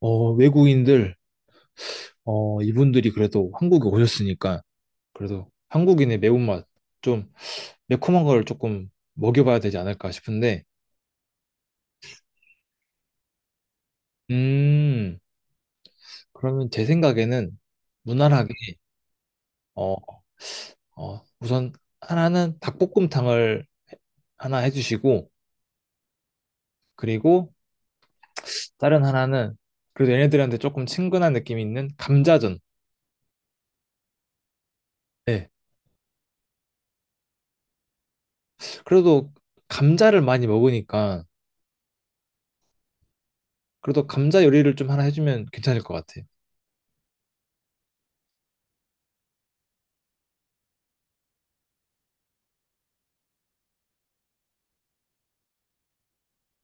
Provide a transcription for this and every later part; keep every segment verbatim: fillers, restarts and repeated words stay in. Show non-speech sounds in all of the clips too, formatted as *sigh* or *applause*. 어, 외국인들, 어, 이분들이 그래도 한국에 오셨으니까, 그래도 한국인의 매운맛, 좀 매콤한 걸 조금 먹여봐야 되지 않을까 싶은데, 음, 그러면 제 생각에는 무난하게, 어, 어, 우선 하나는 닭볶음탕을 하나 해주시고, 그리고 다른 하나는, 그래도 얘네들한테 조금 친근한 느낌이 있는 감자전. 네. 그래도 감자를 많이 먹으니까, 그래도 감자 요리를 좀 하나 해주면 괜찮을 것 같아요.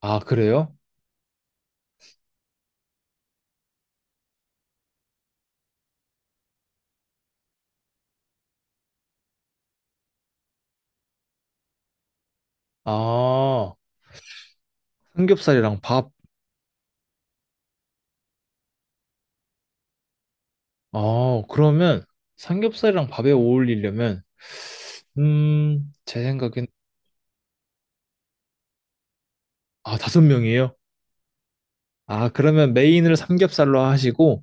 아, 그래요? 아, 삼겹살이랑 밥. 아, 그러면 삼겹살이랑 밥에 어울리려면, 음, 제 생각엔, 아, 다섯 명이에요? 아, 그러면 메인을 삼겹살로 하시고,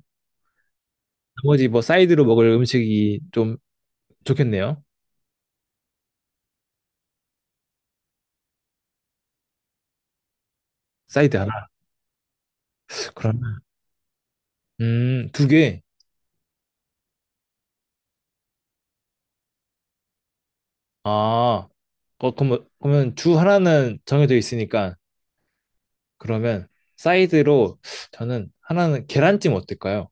나머지 뭐 사이드로 먹을 음식이 좀 좋겠네요. 사이드 하나. 그러면, 음, 두 개. 아, 어, 그럼, 그러면 주 하나는 정해져 있으니까, 그러면 사이드로 저는 하나는 계란찜 어떨까요?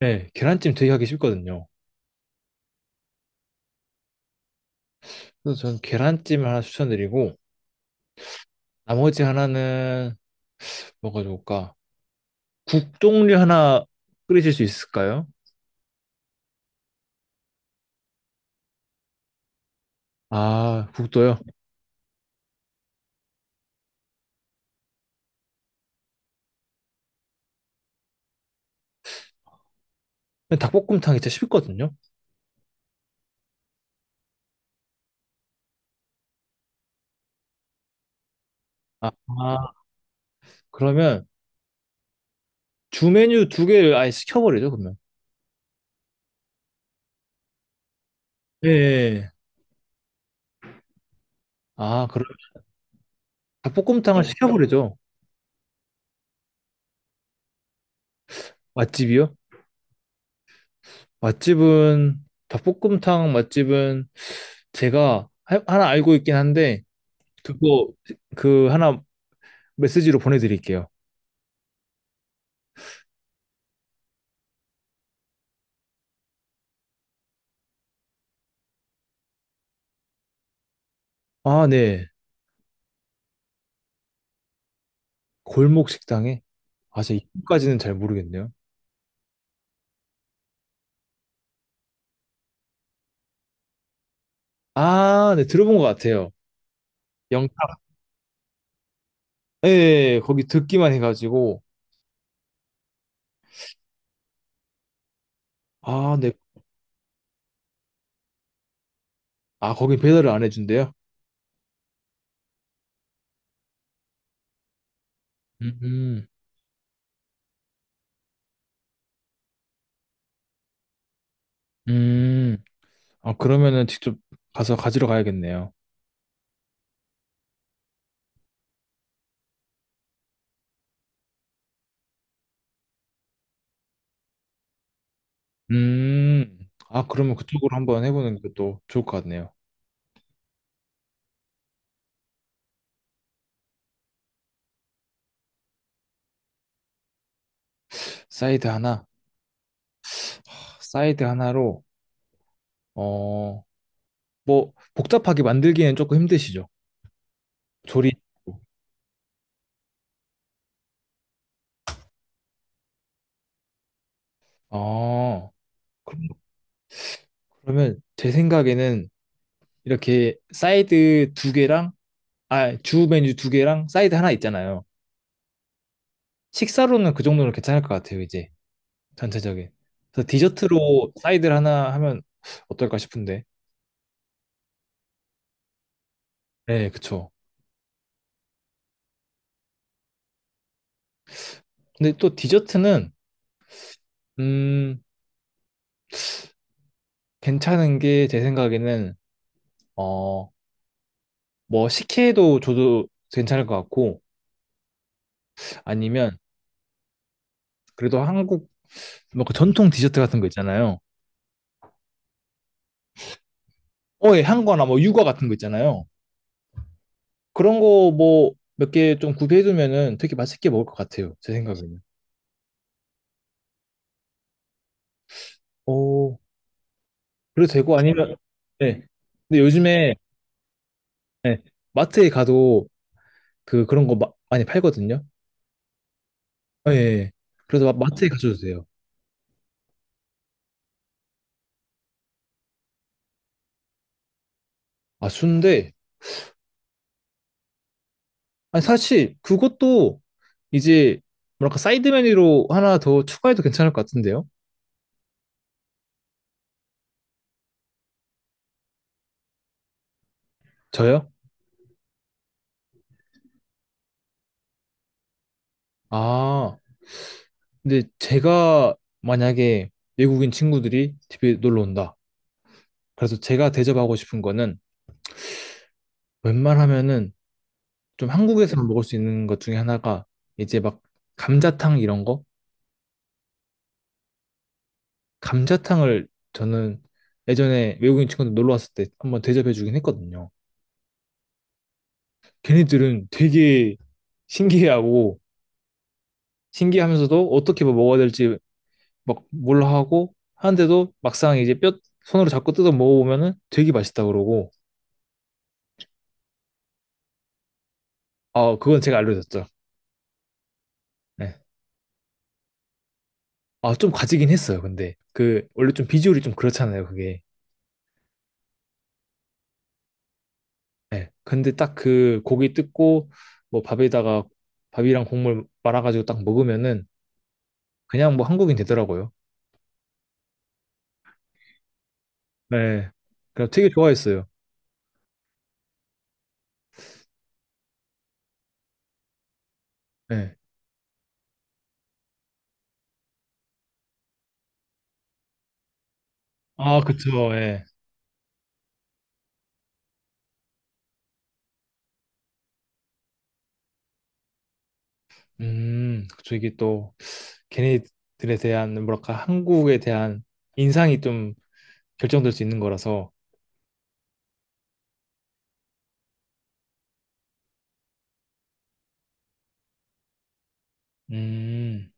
네, 계란찜 되게 하기 쉽거든요. 그래서 저는 계란찜 하나 추천드리고, 나머지 하나는 뭐가 좋을까? 국 종류 하나 끓이실 수 있을까요? 아, 국도요? 닭볶음탕이 진짜 쉽거든요. 아, 아, 그러면 주 메뉴 두 개를 아예 시켜버리죠, 그러면. 예. 예. 아, 그럼 닭볶음탕을 시켜버리죠. 맛집이요? 맛집은 닭볶음탕 맛집은 제가 하- 하나 알고 있긴 한데 그거 그 하나 메시지로 보내드릴게요. 아, 네. 골목 식당에? 아, 제가 이름까지는 잘 모르겠네요. 아, 네, 들어본 것 같아요. 영, 예, 예, 예, 거기 듣기만 해가지고, 아, 네, 아, 거기 배달을 안 해준대요? 음, 음, 음. 아, 그러면은 직접 가서 가지러 가야겠네요. 음, 아, 그러면 그쪽으로 한번 해보는 것도 좋을 것 같네요. 사이드 하나, 사이드 하나로, 어, 뭐, 복잡하게 만들기에는 조금 힘드시죠? 조리, 어, 그럼- 그러면 제 생각에는 이렇게 사이드 두 개랑 아, 주 메뉴 두 개랑 사이드 하나 있잖아요. 식사로는 그 정도는 괜찮을 것 같아요, 이제. 전체적인. 그래서 디저트로 사이드를 하나 하면 어떨까 싶은데. 네, 그쵸. 근데 또 디저트는, 음, 괜찮은 게 제 생각에는, 어, 뭐, 식혜도 줘도 괜찮을 것 같고, 아니면, 그래도 한국, 뭐그 전통 디저트 같은 거 있잖아요. 어, 예, 한거나 뭐, 유아 같은 거 있잖아요. 그런 거 뭐, 몇 개 좀 구비해두면은 되게 맛있게 먹을 것 같아요, 제 생각에는. 오, 그래도 되고 아니면 네. 근데 요즘에 네, 마트에 가도 그 그런 거 마- 많이 팔거든요. 예. 예. 그래서 마- 마트에 가셔도 돼요. 아, 순대. 아니 사실 그것도 이제 뭐랄까 사이드 메뉴로 하나 더 추가해도 괜찮을 것 같은데요. 저요? 아, 근데 제가 만약에 외국인 친구들이 집에 놀러 온다. 그래서 제가 대접하고 싶은 거는 웬만하면은 좀 한국에서 먹을 수 있는 것 중에 하나가 이제 막 감자탕 이런 거? 감자탕을 저는 예전에 외국인 친구들 놀러 왔을 때 한번 대접해 주긴 했거든요. 걔네들은 되게 신기해하고 신기하면서도 어떻게 뭐 먹어야 될지 막 몰라 하고 하는데도 막상 이제 뼈 손으로 잡고 뜯어 먹어보면은 되게 맛있다 그러고 아 그건 제가 알려줬죠. 네. 아좀 가지긴 했어요. 근데 그 원래 좀 비주얼이 좀 그렇잖아요. 그게. 네. 근데 딱 그 고기 뜯고 뭐 밥에다가 밥이랑 국물 말아가지고 딱 먹으면은 그냥 뭐 한국인 되더라고요. 네. 그냥 되게 좋아했어요. 네. 아, 그쵸. 예. 음, 그쵸. 이게 또 걔네들에 대한 뭐랄까 한국에 대한 인상이 좀 결정될 수 있는 거라서. 음,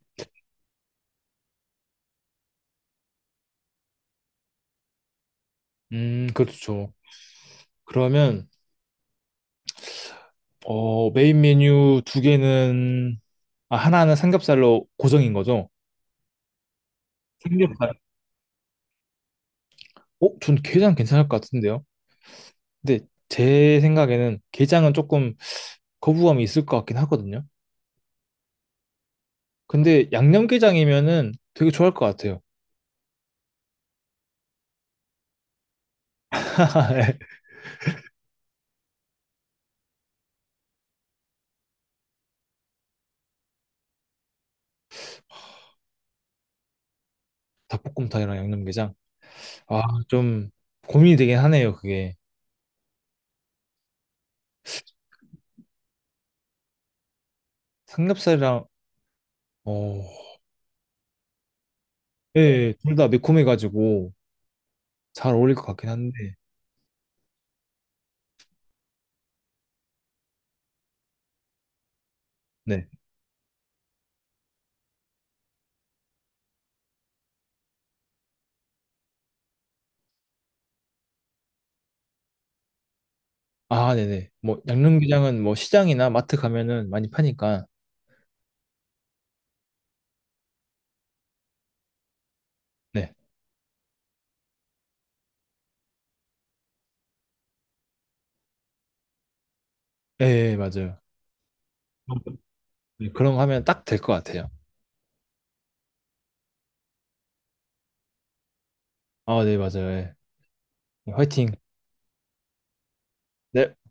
음, 그렇죠. 그러면 어 메인 메뉴 두 개는 아, 하나는 삼겹살로 고정인 거죠? 삼겹살. 어, 전 게장 괜찮을 것 같은데요. 근데 제 생각에는 게장은 조금 거부감이 있을 것 같긴 하거든요. 근데 양념게장이면은 되게 좋아할 것 같아요. *laughs* 예. 닭볶음탕이랑 양념게장. 아, 좀 고민이 되긴 하네요, 그게. 삼겹살이랑, 어, 예, 예, 둘 다 매콤해가지고 잘 어울릴 것 같긴 한데, 네. 아, 네네. 뭐, 양념게장은 뭐 시장이나 마트 가면은 많이 파니까, 네. 예, 예, 맞아요. 네, 그런 거 하면 딱 될 것 같아요. 아, 네, 맞아요. 예. 화이팅. 네.